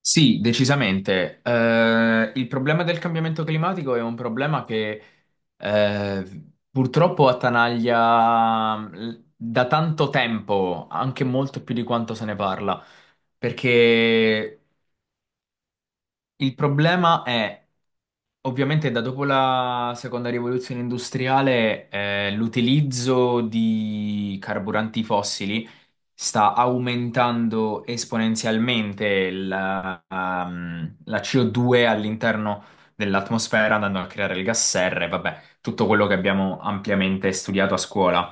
Sì, decisamente. Il problema del cambiamento climatico è un problema che purtroppo attanaglia da tanto tempo, anche molto più di quanto se ne parla, perché il problema è, ovviamente, da dopo la seconda rivoluzione industriale, l'utilizzo di carburanti fossili sta aumentando esponenzialmente la CO2 all'interno dell'atmosfera, andando a creare il gas serra e vabbè, tutto quello che abbiamo ampiamente studiato a scuola.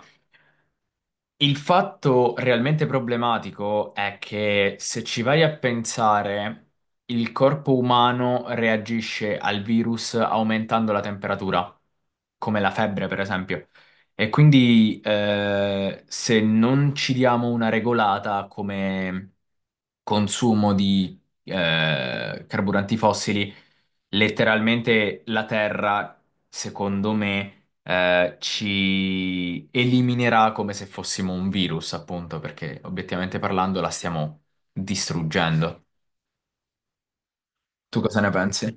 Il fatto realmente problematico è che se ci vai a pensare, il corpo umano reagisce al virus aumentando la temperatura, come la febbre, per esempio. E quindi se non ci diamo una regolata come consumo di carburanti fossili, letteralmente la Terra, secondo me ci eliminerà come se fossimo un virus, appunto, perché obiettivamente parlando la stiamo distruggendo. Tu cosa ne pensi?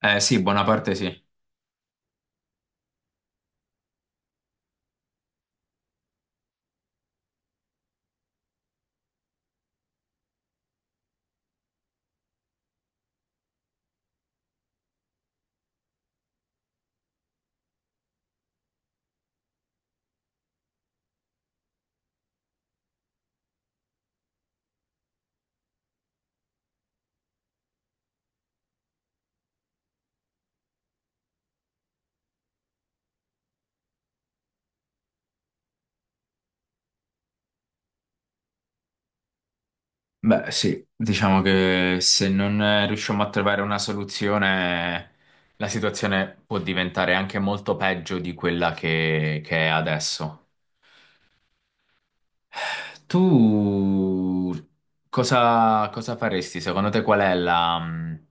Eh sì, buona parte sì. Beh, sì, diciamo che se non riusciamo a trovare una soluzione, la situazione può diventare anche molto peggio di quella che è adesso. Tu cosa faresti? Secondo te qual è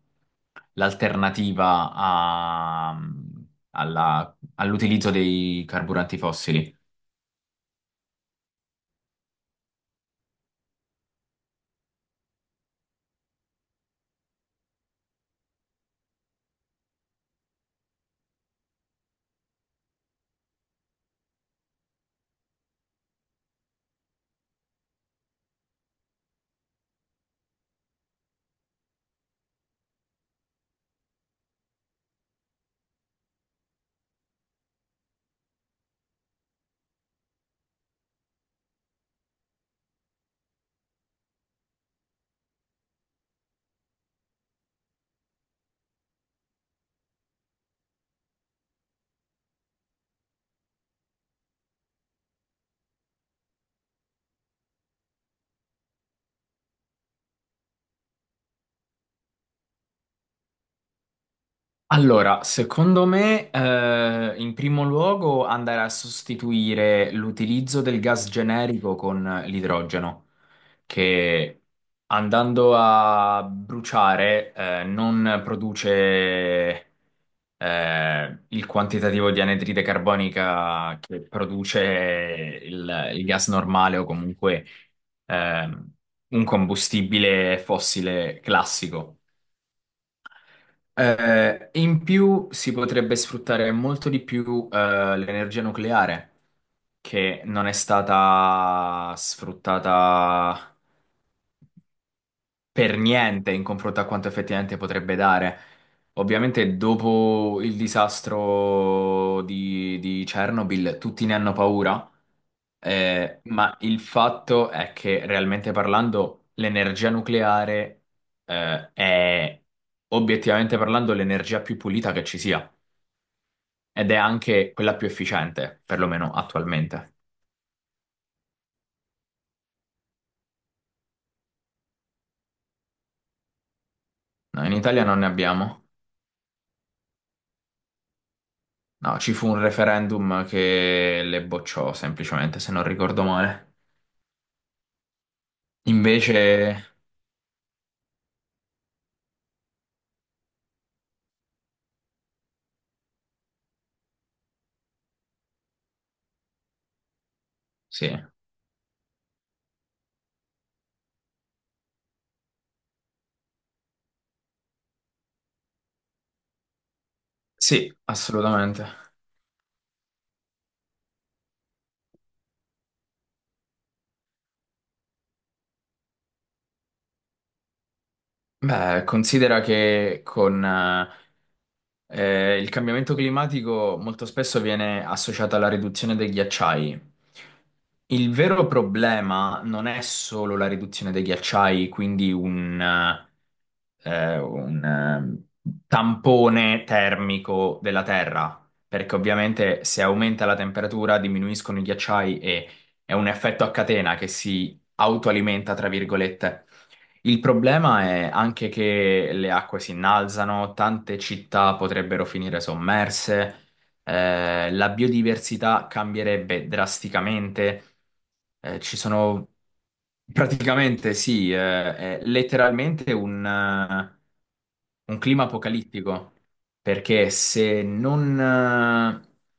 l'alternativa all'utilizzo dei carburanti fossili? Allora, secondo me, in primo luogo andare a sostituire l'utilizzo del gas generico con l'idrogeno, che andando a bruciare, non produce il quantitativo di anidride carbonica che produce il gas normale o comunque ehm, un combustibile fossile classico. In più si potrebbe sfruttare molto di più l'energia nucleare che non è stata sfruttata per niente in confronto a quanto effettivamente potrebbe dare. Ovviamente dopo il disastro di Chernobyl tutti ne hanno paura, ma il fatto è che realmente parlando l'energia nucleare, è obiettivamente parlando l'energia più pulita che ci sia ed è anche quella più efficiente, perlomeno attualmente. Noi in Italia non ne abbiamo. No, ci fu un referendum che le bocciò semplicemente, se non ricordo male. Invece, sì, sì, assolutamente. Beh, considera che con il cambiamento climatico molto spesso viene associato alla riduzione dei ghiacciai. Il vero problema non è solo la riduzione dei ghiacciai, quindi un tampone termico della Terra, perché ovviamente se aumenta la temperatura diminuiscono i ghiacciai e è un effetto a catena che si autoalimenta, tra virgolette. Il problema è anche che le acque si innalzano, tante città potrebbero finire sommerse, la biodiversità cambierebbe drasticamente, ci sono praticamente, sì, è letteralmente un clima apocalittico, perché se non,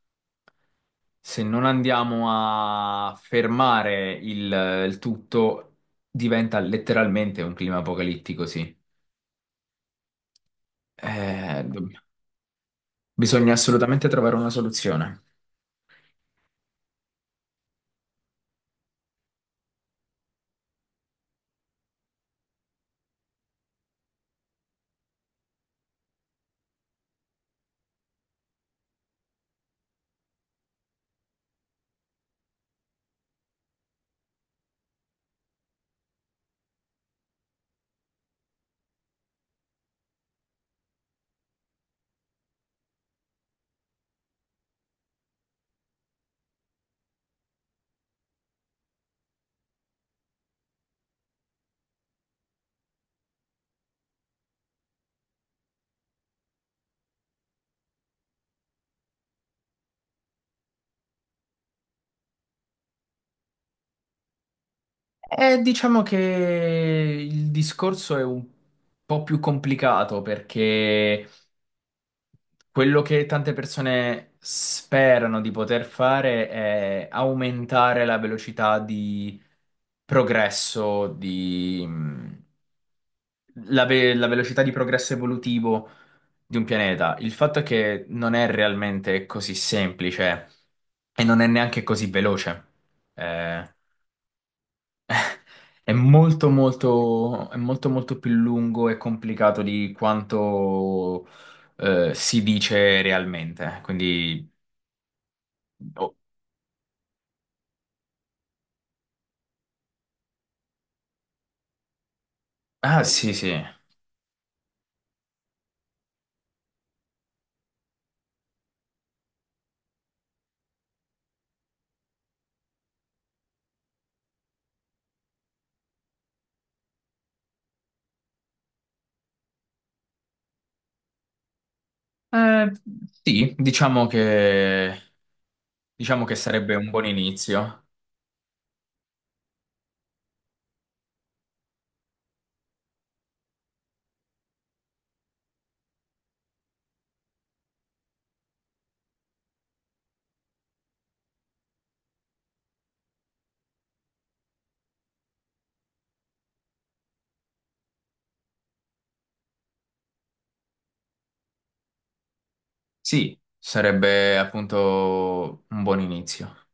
se non andiamo a fermare il tutto, diventa letteralmente un clima apocalittico, sì. Eh, dobb- Bisogna assolutamente trovare una soluzione. Diciamo che il discorso è un po' più complicato perché quello che tante persone sperano di poter fare è aumentare la velocità di progresso, di, mm, la, ve- la velocità di progresso evolutivo di un pianeta. Il fatto è che non è realmente così semplice e non è neanche così veloce. Eh, è è molto, molto più lungo e complicato di quanto si dice realmente. Quindi, oh, ah, sì, sì. Eh, sì, diciamo che sarebbe un buon inizio. Sì, sarebbe appunto un buon inizio.